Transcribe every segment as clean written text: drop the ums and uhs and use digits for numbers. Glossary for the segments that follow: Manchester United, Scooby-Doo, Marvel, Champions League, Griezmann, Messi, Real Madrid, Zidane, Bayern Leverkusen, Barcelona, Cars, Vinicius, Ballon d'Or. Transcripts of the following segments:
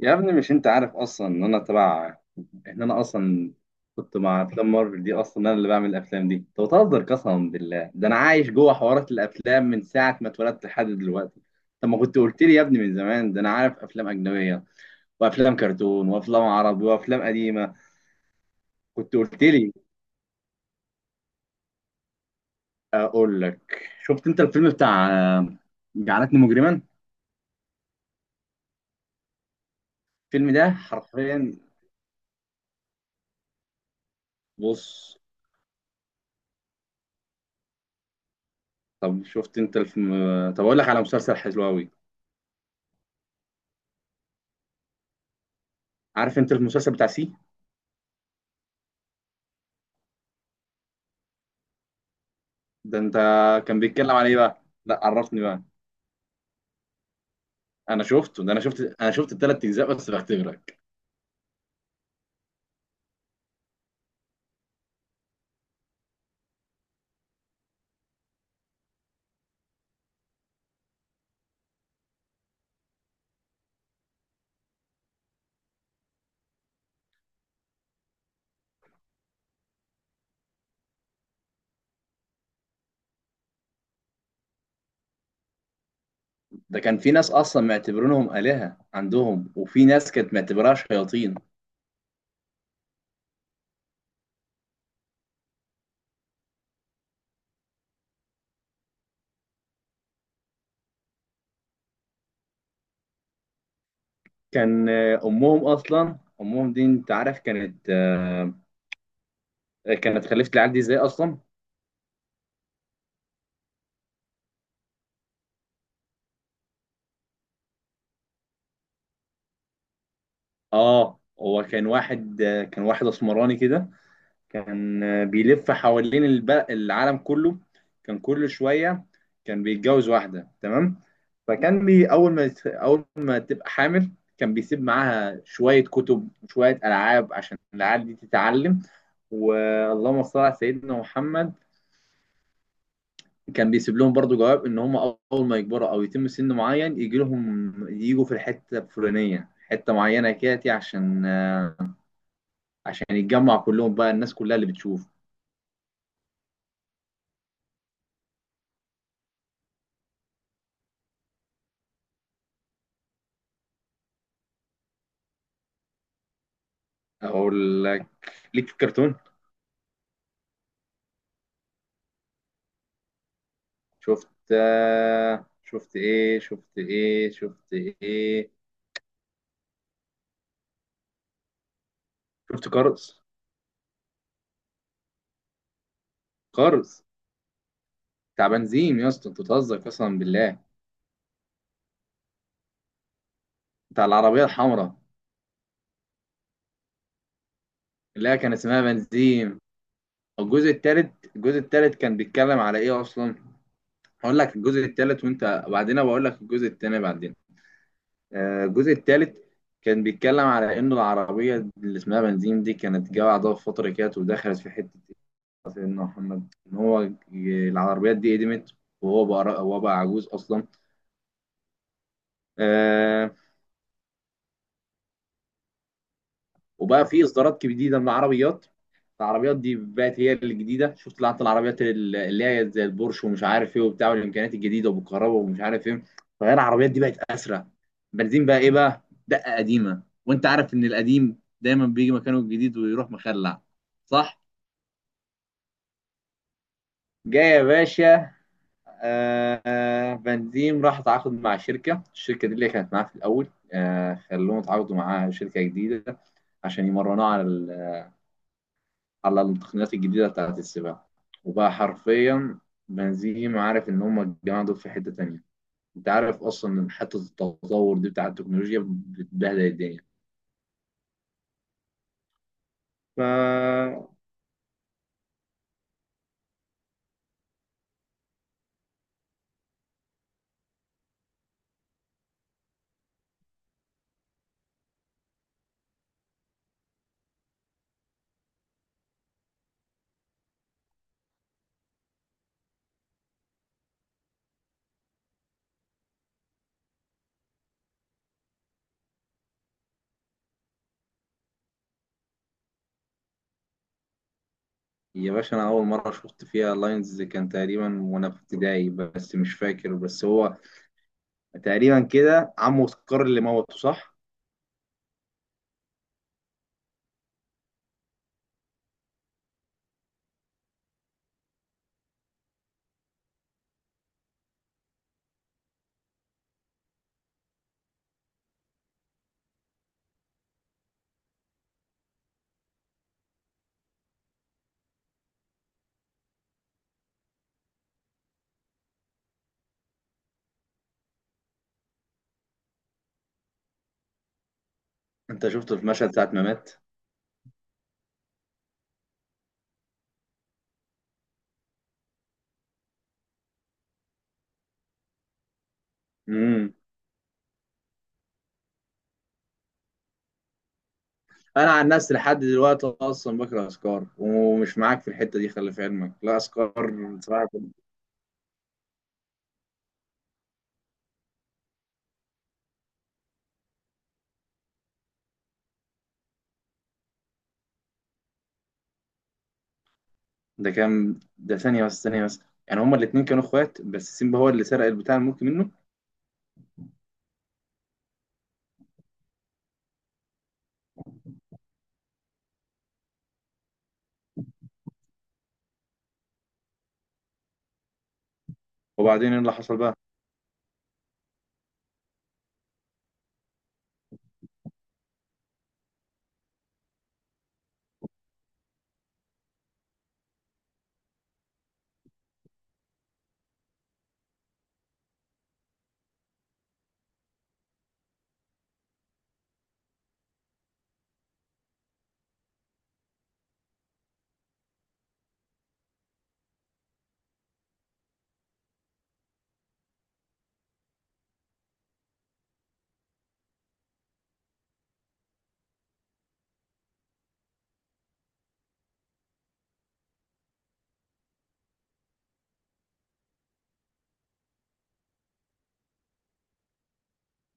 يا ابني، مش انت عارف اصلا ان انا اصلا كنت مع افلام مارفل دي. اصلا انا اللي بعمل الافلام دي، انت بتهزر قسما بالله، ده انا عايش جوه حوارات الافلام من ساعه ما اتولدت لحد دلوقتي. طب ما كنت قلت لي يا ابني من زمان، ده انا عارف افلام اجنبيه وافلام كرتون وافلام عربي وافلام قديمه. كنت قلت لي. اقول لك، شفت انت الفيلم بتاع آه، جعلتني مجرما؟ الفيلم ده حرفيا. بص، طب شفت انت الفيلم؟ طب اقول لك على مسلسل حلو قوي. عارف انت المسلسل بتاع سي؟ ده انت، كان بيتكلم عن ايه بقى، لا عرفني بقى. انا شفته، ده انا شفت الثلاث اجزاء، بس بختبرك. ده كان في ناس اصلا معتبرينهم آلهة عندهم، وفي ناس كانت معتبراها شياطين. كان امهم، اصلا امهم دي انت عارف، كانت كانت خلفت العيال دي ازاي اصلا؟ اه، هو كان واحد، كان واحد اسمراني كده. كان بيلف حوالين العالم كله. كان كل شوية كان بيتجوز واحدة، تمام. فكان أول ما تبقى حامل، كان بيسيب معاها شوية كتب وشوية ألعاب عشان العيال دي تتعلم. واللهم صل على سيدنا محمد. كان بيسيب لهم برضو جواب ان هم اول ما يكبروا او يتم سن معين يجي لهم، يجوا في الحته الفلانيه، حته معينه كده، عشان يتجمع كلهم بقى الناس كلها اللي بتشوف. اقول لك، ليك في الكرتون. شفت شفت ايه، شفت ايه، شفت ايه؟ شفت كارز؟ كارز بتاع بنزيم، يا اسطى انت بتهزر قسما بالله. بتاع العربيه الحمراء، اللي هي كان اسمها بنزيم. الجزء الثالث، الجزء الثالث كان بيتكلم على ايه اصلا؟ هقول لك الجزء الثالث وانت بعدين بقول لك الجزء الثاني بعدين. الجزء الثالث كان بيتكلم على انه العربيه اللي اسمها بنزيم دي كانت جايه بعدها بفتره كده، ودخلت في حته، سيدنا محمد ان هو العربيات دي قدمت، وهو بقى هو بقى عجوز اصلا. آه. وبقى في اصدارات جديده من العربيات، العربيات دي بقت هي الجديده، شفت لعنة العربيات، اللي هي زي البورش ومش عارف ايه وبتاع، والامكانيات الجديده وبالكهرباء ومش عارف ايه. فهي العربيات دي بقت اسرع. بنزين بقى ايه بقى؟ دقه قديمه، وانت عارف ان القديم دايما بيجي مكانه الجديد ويروح مخلع. صح. جاي يا باشا. فان ديم راح تعاقد مع شركة، الشركة دي اللي كانت معاه في الأول، آه، خلوهم يتعاقدوا مع شركة جديدة عشان يمرنوه على على التقنيات الجديدة بتاعة السباق. وبقى حرفيا بنزيم عارف إن هما الجماعة دول في حتة تانية. أنت عارف أصلا إن حتة التطور دي بتاع التكنولوجيا بتبهدل الدنيا. ف يا باشا، أنا أول مرة شفت فيها لاينز كان تقريبا وأنا في ابتدائي، بس مش فاكر، بس هو تقريبا كده عمه سكار اللي موته، صح؟ انت شفته في مشهد ساعة ما مات. امم. انا عن نفسي لحد دلوقتي اصلا بكره اسكار، ومش معاك في الحتة دي، خلي في علمك، لا اسكار. بصراحة، ده ثانية بس، ثانية بس. يعني هما الاتنين كانوا اخوات، بس سيمبا هو اللي سرق البتاع الملك منه. وبعدين ايه اللي حصل بقى؟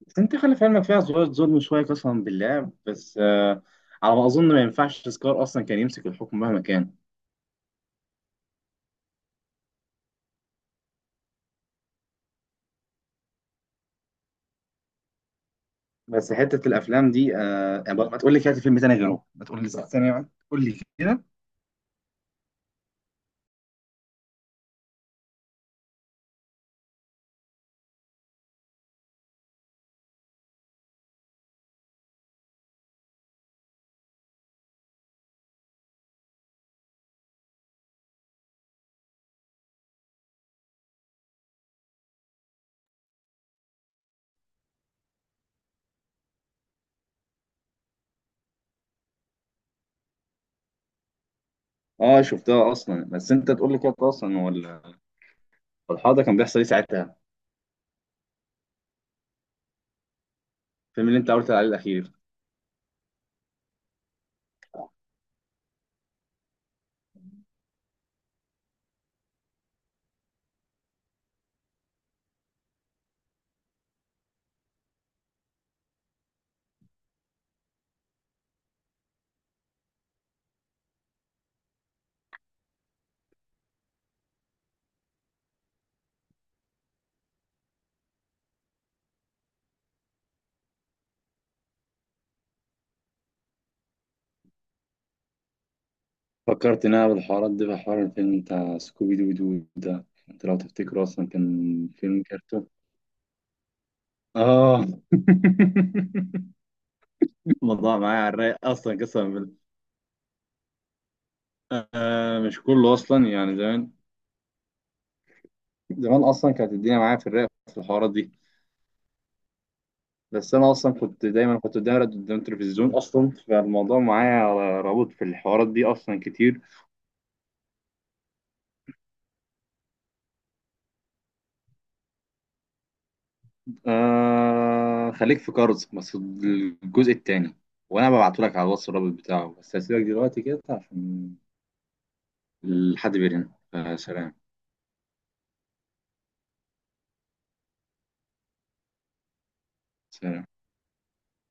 بس انت خلي في علمك فيها شوية ظلم، شوية قسما بالله، بس آه، على ما اظن ما ينفعش اسكار اصلا كان يمسك الحكم مهما كان. بس حتة الافلام دي آه يعني، ما تقول لي كده في فيلم تاني غيره، ما تقول لي ثانية واحدة. قول لي كده. اه شفتها اصلا. بس انت تقول لي كده اصلا، هو الحوار ده كان بيحصل ايه ساعتها، الفيلم اللي انت قلت عليه الاخير؟ فكرت إن أنا بالحوارات دي بحوار الفيلم بتاع سكوبي دو. دو ده أنت لو تفتكره أصلا كان فيلم كرتون. اه. الموضوع معايا على الرايق اصلا قسما بالله. آه مش كله اصلا يعني، زمان، زمان اصلا كانت الدنيا معايا في الرايق في الحوارات دي. بس انا اصلا كنت دايما قدام التلفزيون اصلا، فالموضوع معايا رابط في الحوارات دي اصلا كتير. آه خليك في كاروز بس الجزء التاني، وانا ببعته لك على الواتس الرابط بتاعه. بس هسيبك دلوقتي كده عشان الحد بيرن. آه سلام. سلام.